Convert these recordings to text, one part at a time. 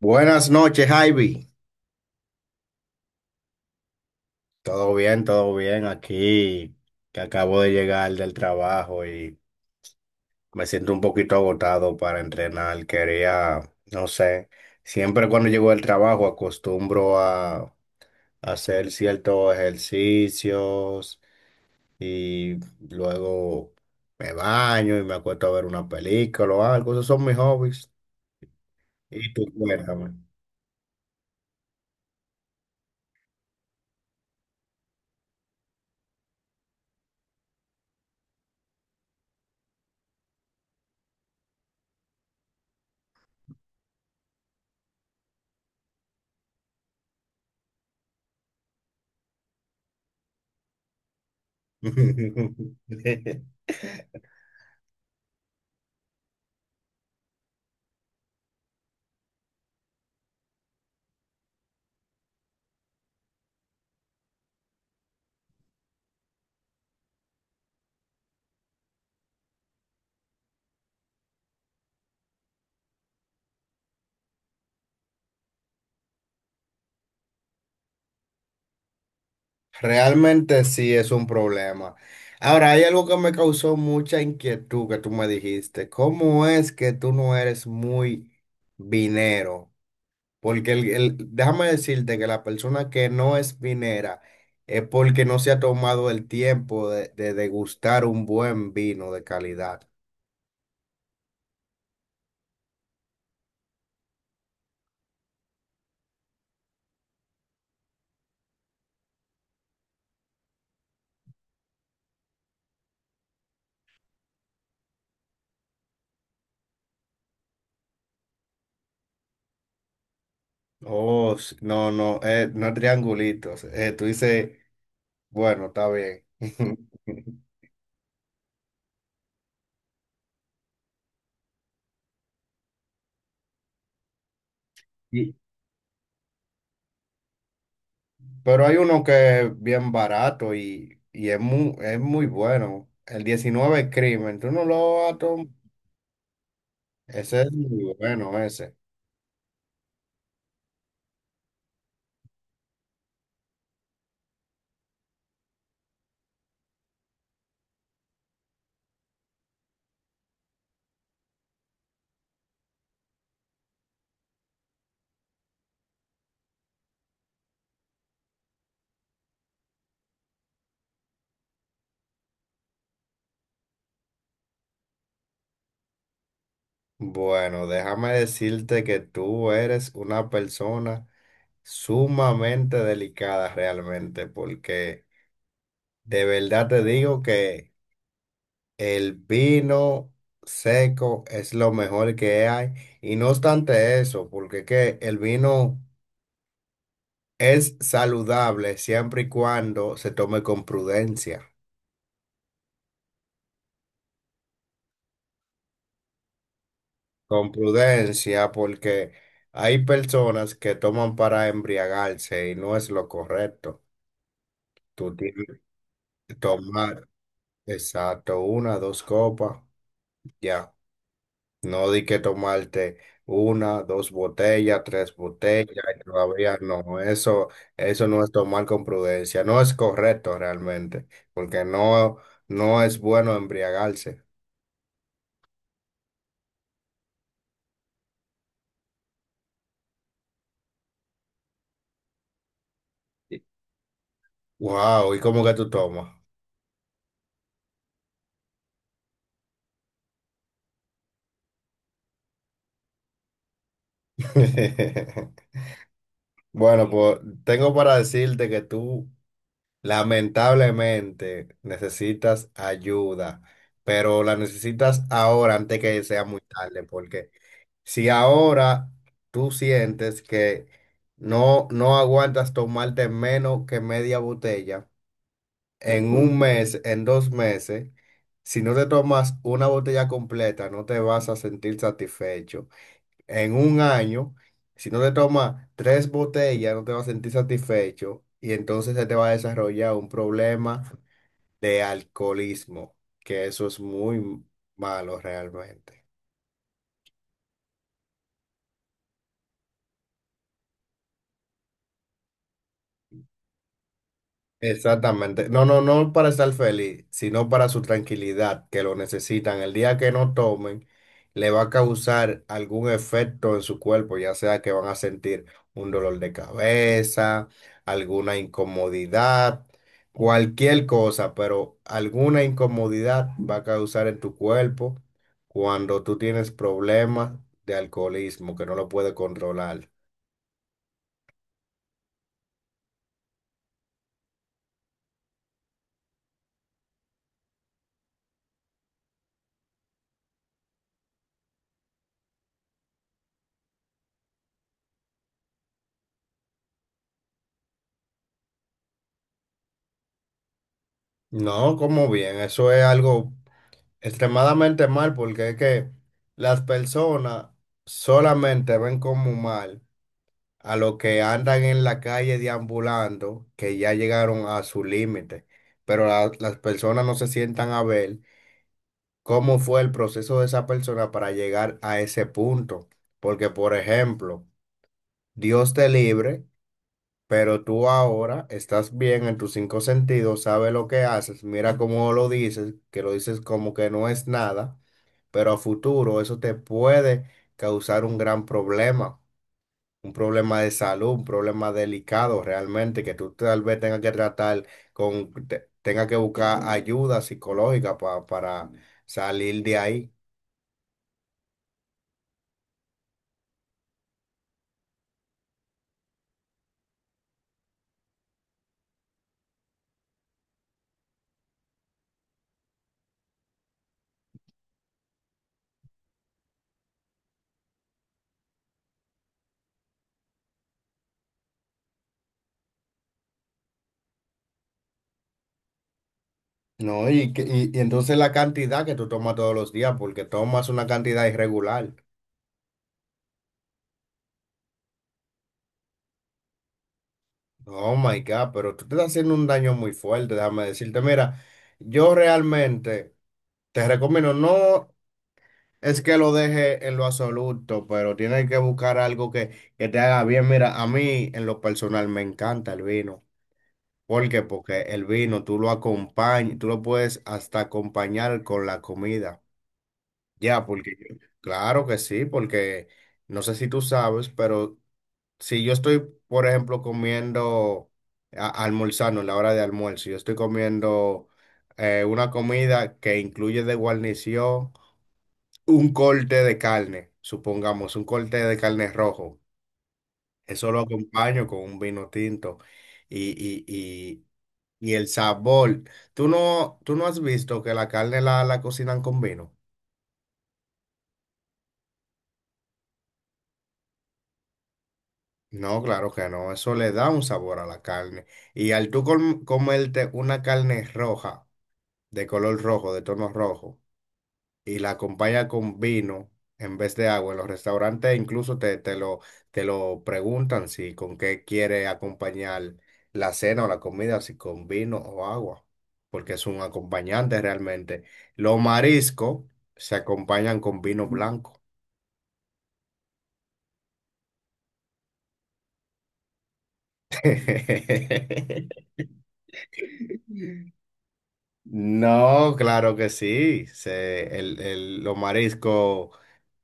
Buenas noches, Ivy. Todo bien aquí, que acabo de llegar del trabajo y me siento un poquito agotado para entrenar. Quería, no sé, siempre cuando llego del trabajo acostumbro a hacer ciertos ejercicios y luego me baño y me acuesto a ver una película o algo. Esos son mis hobbies. Y tú, cuéntame. Realmente sí es un problema. Ahora, hay algo que me causó mucha inquietud que tú me dijiste. ¿Cómo es que tú no eres muy vinero? Porque déjame decirte que la persona que no es vinera es porque no se ha tomado el tiempo de degustar un buen vino de calidad. Oh, no, no, no triangulitos. Tú dices, bueno, está bien. Y- Pero hay uno que es bien barato y es muy bueno. El 19 Crimen, tú no lo has. Ese es muy bueno, ese. Bueno, déjame decirte que tú eres una persona sumamente delicada realmente, porque de verdad te digo que el vino seco es lo mejor que hay. Y no obstante eso, porque que el vino es saludable siempre y cuando se tome con prudencia. Con prudencia, porque hay personas que toman para embriagarse y no es lo correcto. Tú tienes que tomar, exacto, una, dos copas, ya. No di que tomarte una, dos botellas, tres botellas, y todavía no. Eso no es tomar con prudencia. No es correcto realmente, porque no, no es bueno embriagarse. Wow, ¿y cómo que tú tomas? Bueno, pues tengo para decirte que tú lamentablemente necesitas ayuda, pero la necesitas ahora antes que sea muy tarde, porque si ahora tú sientes que no, no aguantas tomarte menos que media botella, en un mes, en dos meses, si no te tomas una botella completa, no te vas a sentir satisfecho. En un año, si no te tomas tres botellas, no te vas a sentir satisfecho y entonces se te va a desarrollar un problema de alcoholismo, que eso es muy malo realmente. Exactamente. No, no, no para estar feliz, sino para su tranquilidad, que lo necesitan. El día que no tomen, le va a causar algún efecto en su cuerpo, ya sea que van a sentir un dolor de cabeza, alguna incomodidad, cualquier cosa, pero alguna incomodidad va a causar en tu cuerpo cuando tú tienes problemas de alcoholismo que no lo puedes controlar. No, como bien, eso es algo extremadamente mal, porque es que las personas solamente ven como mal a los que andan en la calle deambulando, que ya llegaron a su límite, pero las personas no se sientan a ver cómo fue el proceso de esa persona para llegar a ese punto. Porque, por ejemplo, Dios te libre, pero tú ahora estás bien en tus cinco sentidos, sabes lo que haces, mira cómo lo dices, que lo dices como que no es nada, pero a futuro eso te puede causar un gran problema, un problema de salud, un problema delicado realmente, que tú tal vez tengas que tratar con, tengas que buscar ayuda psicológica para salir de ahí. No, y, y entonces la cantidad que tú tomas todos los días, porque tomas una cantidad irregular. Oh my God, pero tú te estás haciendo un daño muy fuerte, déjame decirte. Mira, yo realmente te recomiendo no. Es que lo deje en lo absoluto, pero tienes que buscar algo que te haga bien. Mira, a mí en lo personal me encanta el vino. ¿Por qué? Porque el vino tú lo acompañas, tú lo puedes hasta acompañar con la comida. Ya, porque claro que sí, porque no sé si tú sabes, pero si yo estoy, por ejemplo, comiendo, almorzando en la hora de almuerzo, yo estoy comiendo una comida que incluye de guarnición un corte de carne, supongamos, un corte de carne rojo. Eso lo acompaño con un vino tinto y, y, y, y el sabor. Tú no has visto que la carne la cocinan con vino? No, claro que no. Eso le da un sabor a la carne. Y al tú comerte una carne roja, de color rojo, de tono rojo, y la acompaña con vino en vez de agua. En los restaurantes incluso te lo preguntan si con qué quiere acompañar la cena o la comida, si con vino o agua, porque es un acompañante realmente. Los mariscos se acompañan con vino blanco. No, claro que sí. Se, los mariscos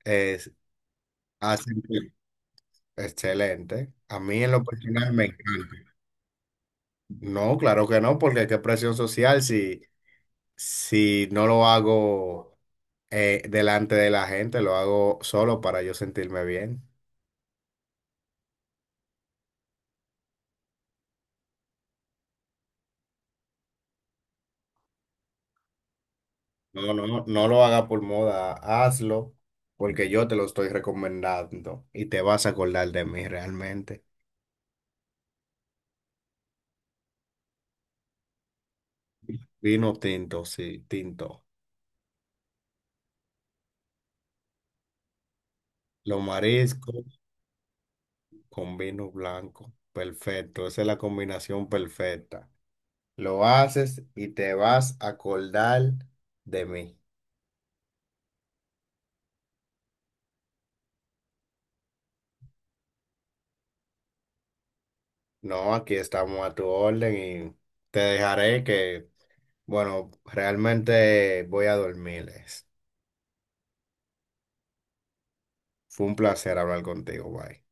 es, hacen excelente. A mí en lo personal me encanta. No, claro que no, porque qué presión social si, no lo hago delante de la gente, lo hago solo para yo sentirme bien. No, no, no, no lo haga por moda, hazlo porque yo te lo estoy recomendando y te vas a acordar de mí realmente. Vino tinto, sí, tinto. Los mariscos con vino blanco, perfecto, esa es la combinación perfecta. Lo haces y te vas a acordar de mí. No, aquí estamos a tu orden y te dejaré que, bueno, realmente voy a dormir. Fue un placer hablar contigo, bye.